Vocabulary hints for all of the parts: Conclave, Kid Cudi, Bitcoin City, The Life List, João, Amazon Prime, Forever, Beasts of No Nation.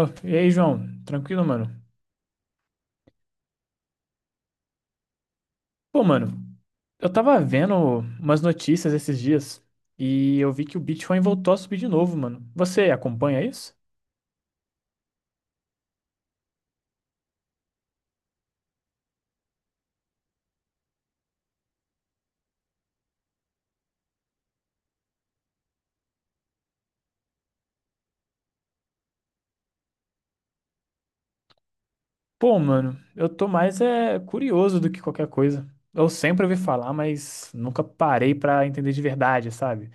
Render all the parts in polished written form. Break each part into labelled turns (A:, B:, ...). A: Ô, e aí, João? Tranquilo, mano? Pô, mano, eu tava vendo umas notícias esses dias e eu vi que o Bitcoin voltou a subir de novo, mano. Você acompanha isso? Pô, mano, eu tô mais é curioso do que qualquer coisa. Eu sempre ouvi falar, mas nunca parei pra entender de verdade, sabe?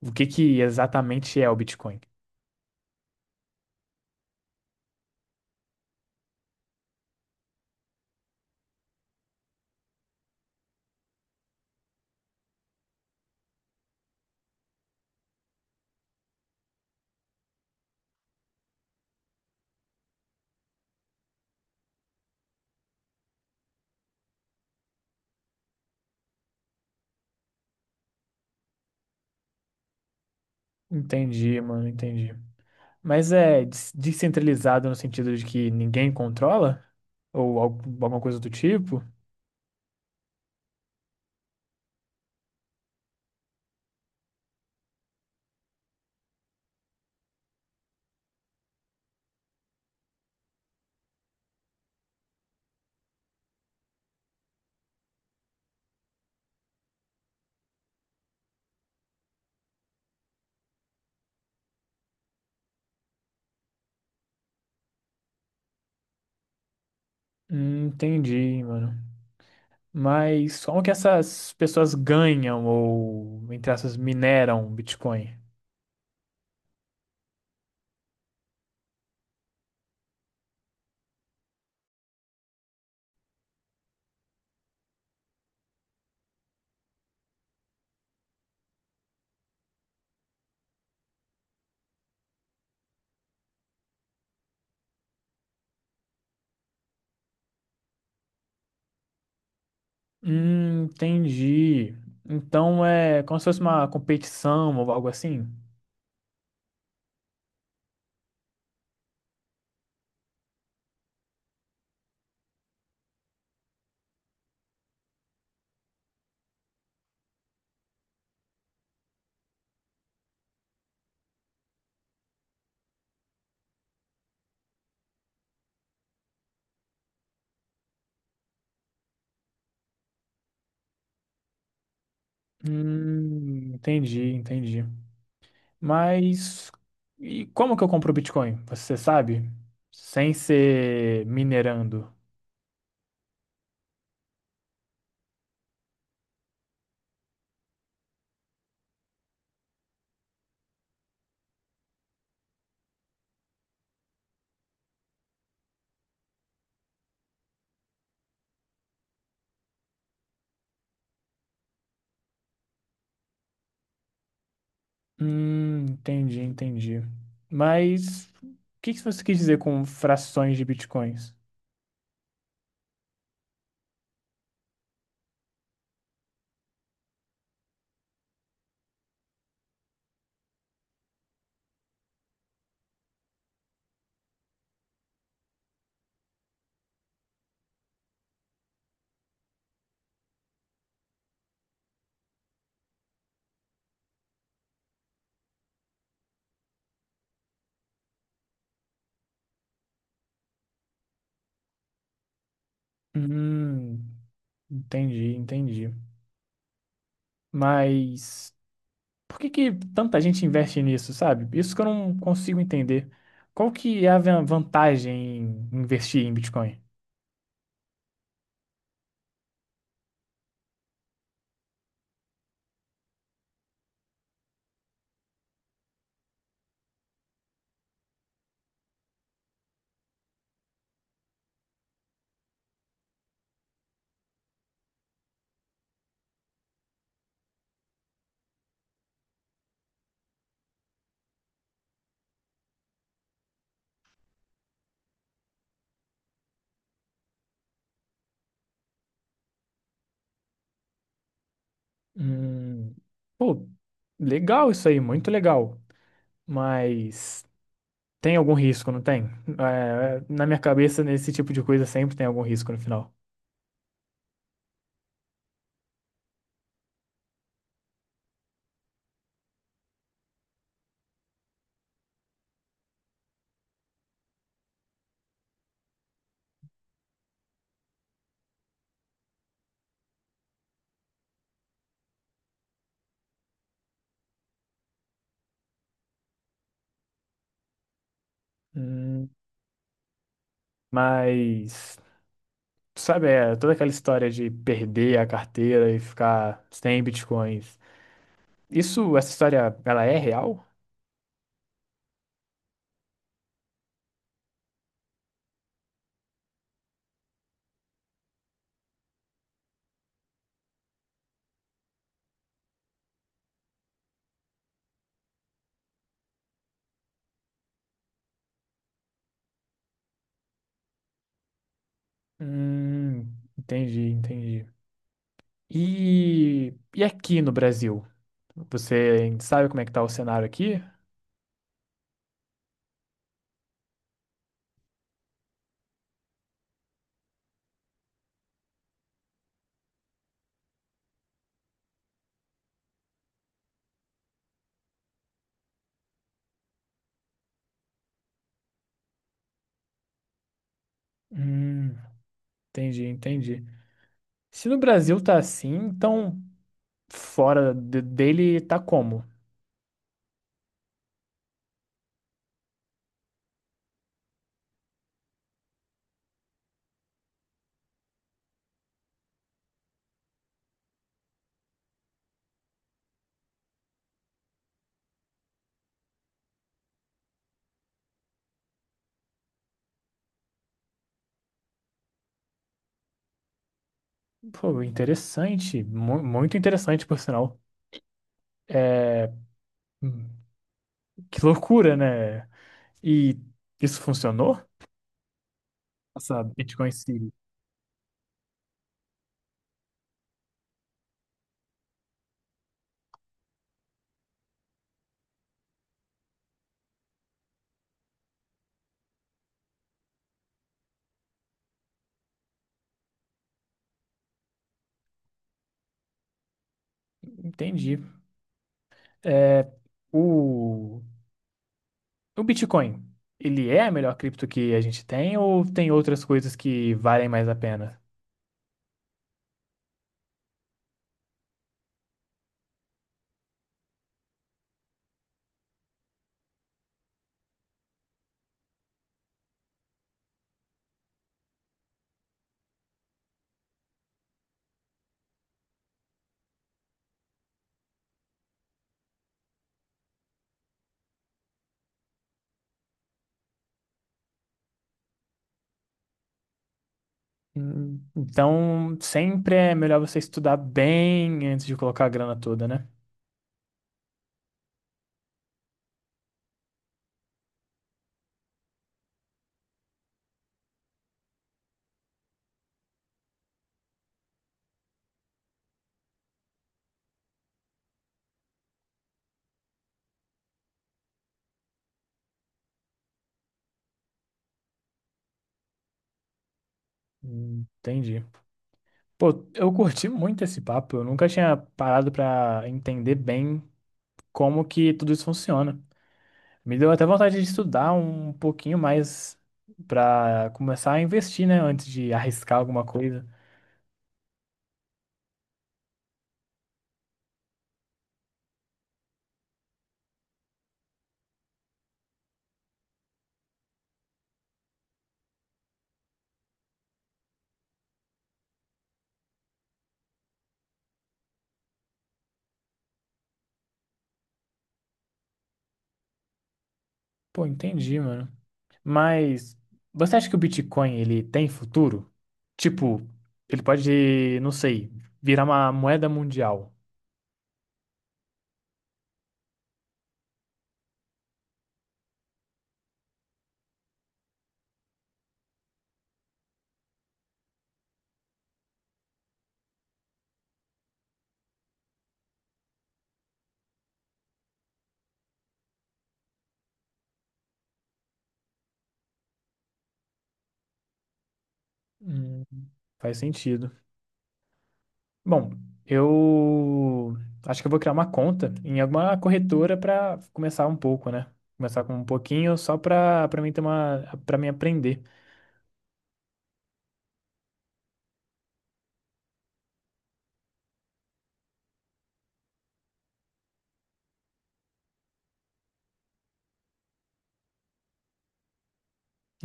A: O que que exatamente é o Bitcoin? Entendi, mano, entendi. Mas é descentralizado no sentido de que ninguém controla? Ou alguma coisa do tipo? Entendi, mano. Mas como que essas pessoas ganham ou, entre aspas, mineram Bitcoin? Entendi. Então é como se fosse uma competição ou algo assim? Entendi, entendi. Mas e como que eu compro Bitcoin? Você sabe? Sem ser minerando. Entendi, entendi. Mas o que que você quis dizer com frações de Bitcoins? Hum, entendi, entendi. Mas por que que tanta gente investe nisso, sabe? Isso que eu não consigo entender. Qual que é a vantagem em investir em Bitcoin? Hum, pô, legal isso aí, muito legal. Mas tem algum risco, não tem? Na minha cabeça, nesse tipo de coisa sempre tem algum risco no final. Hum, mas, sabe, toda aquela história de perder a carteira e ficar sem Bitcoins. Isso, essa história, ela é real? Hum, entendi, entendi. E aqui no Brasil? Você sabe como é que tá o cenário aqui? Hum, entendi, entendi. Se no Brasil tá assim, então fora dele tá como? Pô, interessante, muito interessante, por sinal. É, hum, que loucura, né? E isso funcionou? Essa Bitcoin City. Entendi. É, o O Bitcoin, ele é a melhor cripto que a gente tem ou tem outras coisas que valem mais a pena? Então, sempre é melhor você estudar bem antes de colocar a grana toda, né? Entendi. Pô, eu curti muito esse papo. Eu nunca tinha parado pra entender bem como que tudo isso funciona. Me deu até vontade de estudar um pouquinho mais pra começar a investir, né? Antes de arriscar alguma coisa. Pô, entendi, mano. Mas você acha que o Bitcoin ele tem futuro? Tipo, ele pode, não sei, virar uma moeda mundial. Hum, faz sentido. Bom, eu acho que eu vou criar uma conta em alguma corretora pra começar um pouco, né? Começar com um pouquinho só pra mim ter para mim aprender.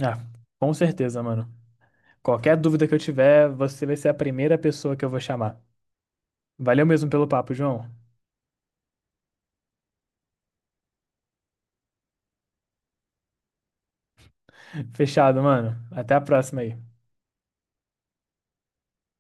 A: Ah, com certeza, mano. Qualquer dúvida que eu tiver, você vai ser a primeira pessoa que eu vou chamar. Valeu mesmo pelo papo, João. Fechado, mano. Até a próxima aí.